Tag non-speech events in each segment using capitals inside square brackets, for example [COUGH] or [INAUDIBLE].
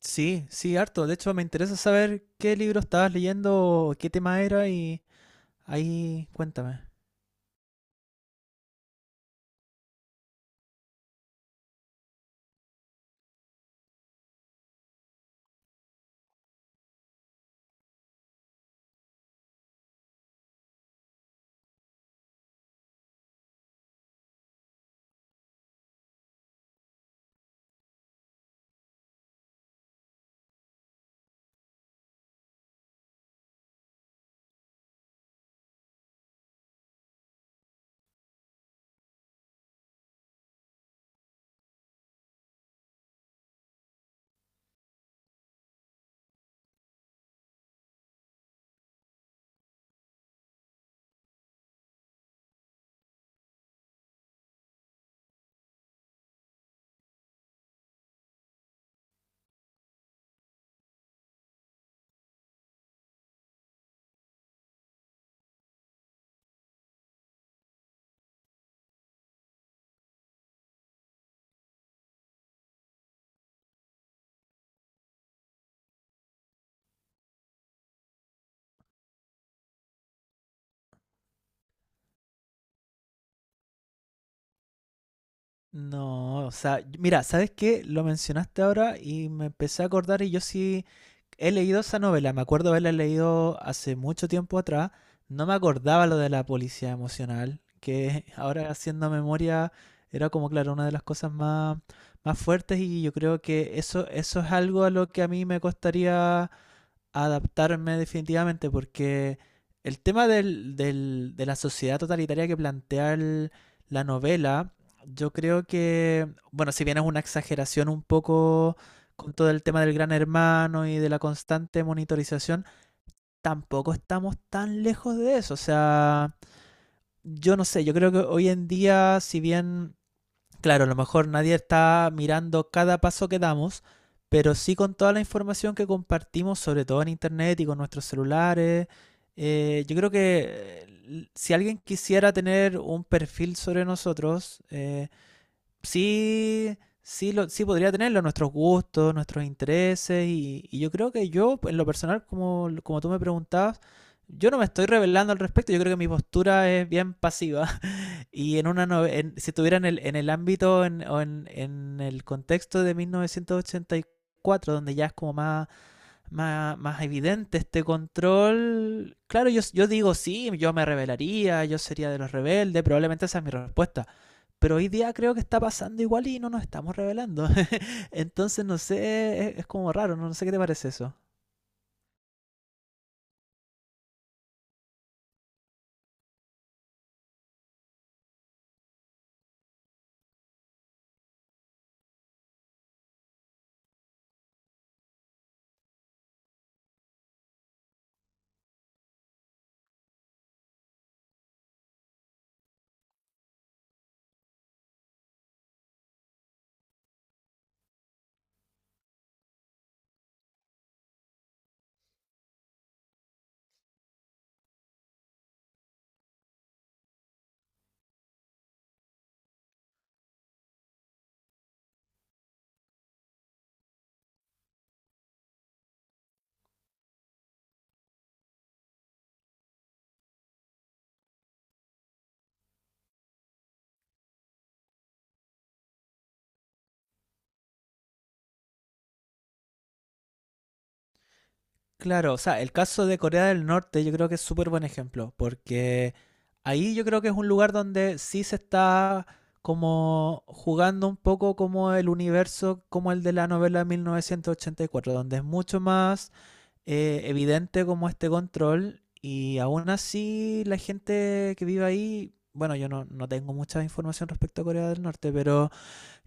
Sí, sí, harto. De hecho, me interesa saber qué libro estabas leyendo, qué tema era y ahí cuéntame. No, o sea, mira, ¿sabes qué? Lo mencionaste ahora y me empecé a acordar y yo sí he leído esa novela. Me acuerdo haberla leído hace mucho tiempo atrás. No me acordaba lo de la policía emocional, que [LAUGHS] ahora haciendo memoria era como, claro, una de las cosas más fuertes y yo creo que eso es algo a lo que a mí me costaría adaptarme definitivamente porque el tema del de la sociedad totalitaria que plantea la novela. Yo creo que, bueno, si bien es una exageración un poco con todo el tema del gran hermano y de la constante monitorización, tampoco estamos tan lejos de eso. O sea, yo no sé, yo creo que hoy en día, si bien, claro, a lo mejor nadie está mirando cada paso que damos, pero sí con toda la información que compartimos, sobre todo en internet y con nuestros celulares. Yo creo que si alguien quisiera tener un perfil sobre nosotros, sí, sí, sí podría tenerlo, nuestros gustos, nuestros intereses, y yo creo que yo, en lo personal, como tú me preguntabas, yo no me estoy revelando al respecto. Yo creo que mi postura es bien pasiva. Y en una nove- en- si estuvieran en el ámbito, en el contexto de 1984, donde ya es como más evidente este control, claro, yo digo sí, yo me rebelaría, yo sería de los rebeldes, probablemente esa es mi respuesta. Pero hoy día creo que está pasando igual y no nos estamos rebelando. [LAUGHS] Entonces, no sé, es como raro, no sé qué te parece eso. Claro, o sea, el caso de Corea del Norte yo creo que es súper buen ejemplo, porque ahí yo creo que es un lugar donde sí se está como jugando un poco, como el universo, como el de la novela de 1984, donde es mucho más evidente como este control, y aún así la gente que vive ahí, bueno, yo no tengo mucha información respecto a Corea del Norte, pero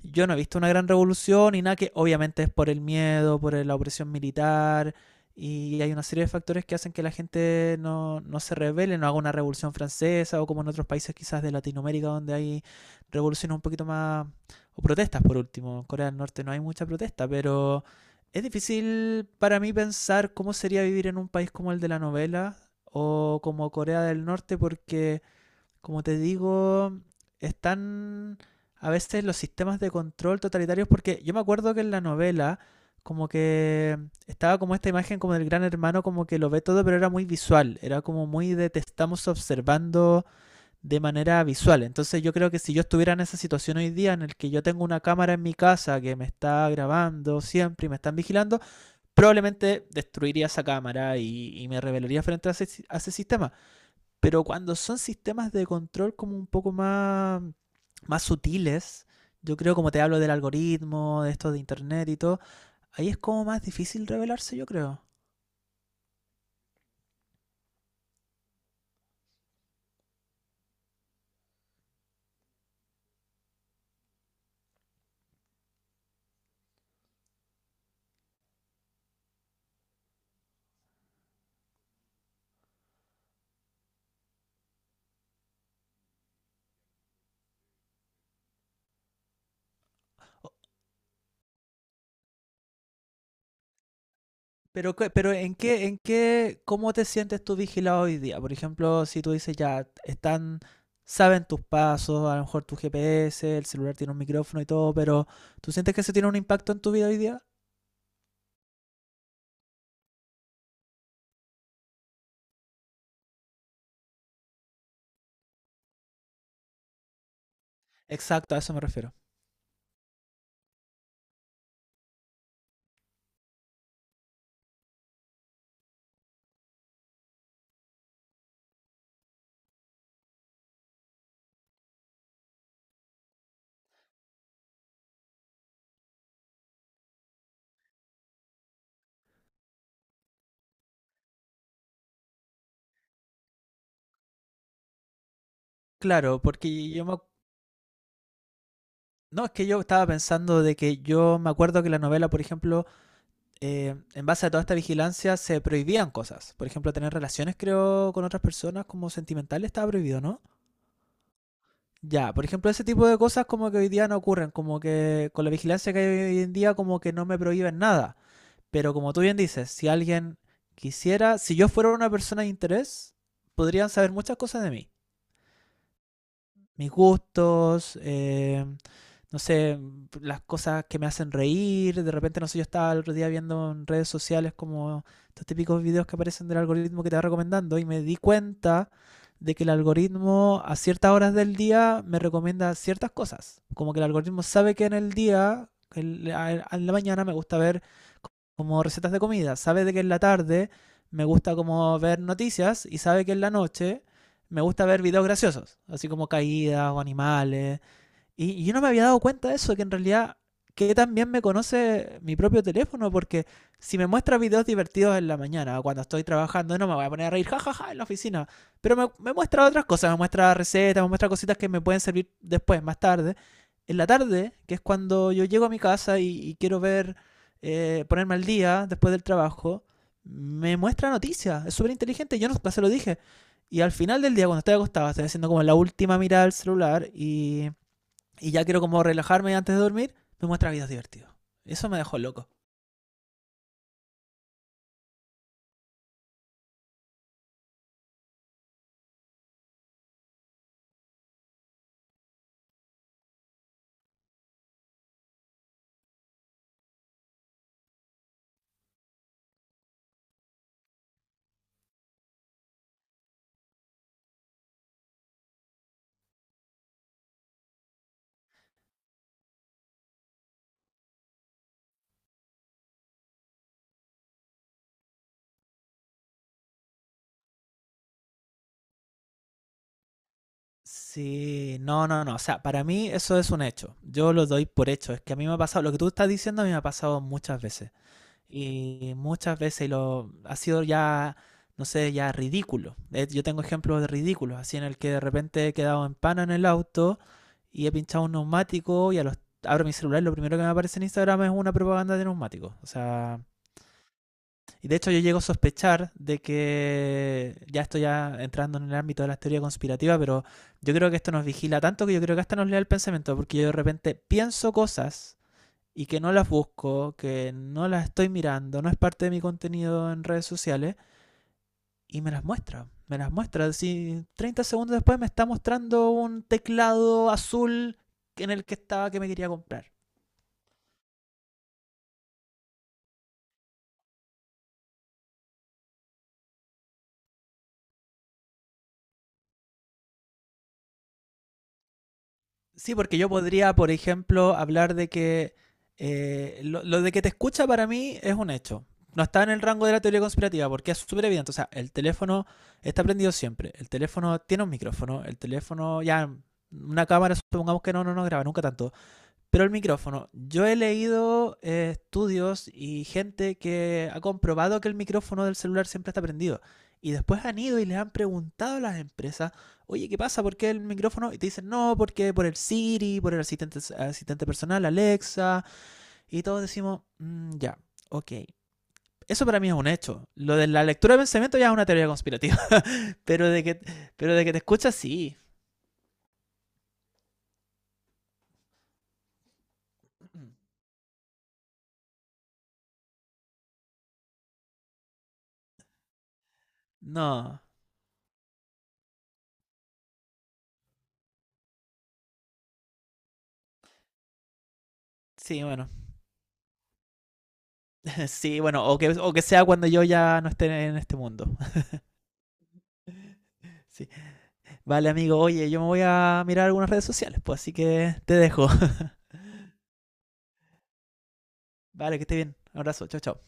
yo no he visto una gran revolución. Y nada, que obviamente es por el miedo, por la opresión militar y hay una serie de factores que hacen que la gente no se revele, no haga una revolución francesa o como en otros países quizás de Latinoamérica donde hay revoluciones un poquito más, o protestas por último. En Corea del Norte no hay mucha protesta, pero es difícil para mí pensar cómo sería vivir en un país como el de la novela o como Corea del Norte, porque como te digo, están a veces los sistemas de control totalitarios. Porque yo me acuerdo que en la novela, como que estaba como esta imagen como del gran hermano, como que lo ve todo, pero era muy visual, era como muy de te estamos observando de manera visual. Entonces yo creo que si yo estuviera en esa situación hoy día, en el que yo tengo una cámara en mi casa que me está grabando siempre y me están vigilando, probablemente destruiría esa cámara, y me rebelaría frente a a ese sistema. Pero cuando son sistemas de control como un poco más sutiles, yo creo, como te hablo del algoritmo, de esto de internet y todo, ahí es como más difícil revelarse, yo creo. O- Pero, en qué, ¿cómo te sientes tú vigilado hoy día? Por ejemplo, si tú dices ya, están, saben tus pasos, a lo mejor tu GPS, el celular tiene un micrófono y todo, pero ¿tú sientes que eso tiene un impacto en tu vida hoy día? Exacto, a eso me refiero. Claro, no, es que yo estaba pensando de que yo me acuerdo que la novela, por ejemplo, en base a toda esta vigilancia se prohibían cosas. Por ejemplo, tener relaciones, creo, con otras personas como sentimentales, estaba prohibido, ¿no? Ya, por ejemplo, ese tipo de cosas como que hoy día no ocurren, como que con la vigilancia que hay hoy en día, como que no me prohíben nada. Pero como tú bien dices, si alguien quisiera, si yo fuera una persona de interés, podrían saber muchas cosas de mí. Mis gustos, no sé, las cosas que me hacen reír. De repente, no sé, yo estaba el otro día viendo en redes sociales como estos típicos videos que aparecen del algoritmo, que te va recomendando, y me di cuenta de que el algoritmo a ciertas horas del día me recomienda ciertas cosas. Como que el algoritmo sabe que en el día, en la mañana me gusta ver como recetas de comida, sabe de que en la tarde me gusta como ver noticias y sabe que en la noche me gusta ver videos graciosos, así como caídas o animales. Y yo no me había dado cuenta de eso, que en realidad que también me conoce mi propio teléfono, porque si me muestra videos divertidos en la mañana, o cuando estoy trabajando, no me voy a poner a reír, jajaja, ja, ja", en la oficina. Pero me muestra otras cosas, me muestra recetas, me muestra cositas que me pueden servir después, más tarde. En la tarde, que es cuando yo llego a mi casa y ponerme al día después del trabajo, me muestra noticias, es súper inteligente. Yo no no se lo dije, y al final del día, cuando estoy acostado, estoy haciendo como la última mirada al celular, y ya quiero como relajarme antes de dormir, me muestra videos divertidos. Eso me dejó loco. Sí, no, no, no. O sea, para mí eso es un hecho. Yo lo doy por hecho. Es que a mí me ha pasado, lo que tú estás diciendo a mí me ha pasado muchas veces. Y muchas veces lo ha sido ya, no sé, ya ridículo. Yo tengo ejemplos de ridículos, así, en el que de repente he quedado en pana en el auto y he pinchado un neumático, y a los abro mi celular, y lo primero que me aparece en Instagram es una propaganda de neumáticos. O sea, y de hecho yo llego a sospechar de que ya estoy ya entrando en el ámbito de la teoría conspirativa, pero yo creo que esto nos vigila tanto, que yo creo que hasta nos lea el pensamiento, porque yo de repente pienso cosas, y que no las busco, que no las estoy mirando, no es parte de mi contenido en redes sociales, y me las muestra. Me las muestra. Si 30 segundos después me está mostrando un teclado azul, en el que estaba que me quería comprar. Sí, porque yo podría, por ejemplo, hablar de que lo de que te escucha, para mí es un hecho, no está en el rango de la teoría conspirativa porque es súper evidente. O sea, el teléfono está prendido siempre. El teléfono tiene un micrófono. El teléfono, ya, una cámara, supongamos que no graba nunca tanto. Pero el micrófono, yo he leído estudios y gente que ha comprobado que el micrófono del celular siempre está prendido. Y después han ido y les han preguntado a las empresas: oye, ¿qué pasa? ¿Por qué el micrófono? Y te dicen: no, porque por el Siri, por asistente personal, Alexa. Y todos decimos: mm, ya, ok. Eso para mí es un hecho. Lo de la lectura de pensamiento ya es una teoría conspirativa. [LAUGHS] Pero de que, pero de que te escuchas, sí. No. Sí, bueno. Sí, bueno, o que sea cuando yo ya no esté en este mundo. [LAUGHS] Sí. Vale, amigo, oye, yo me voy a mirar algunas redes sociales, pues así que te dejo. [LAUGHS] Vale, que esté bien. Un abrazo, chao, chao.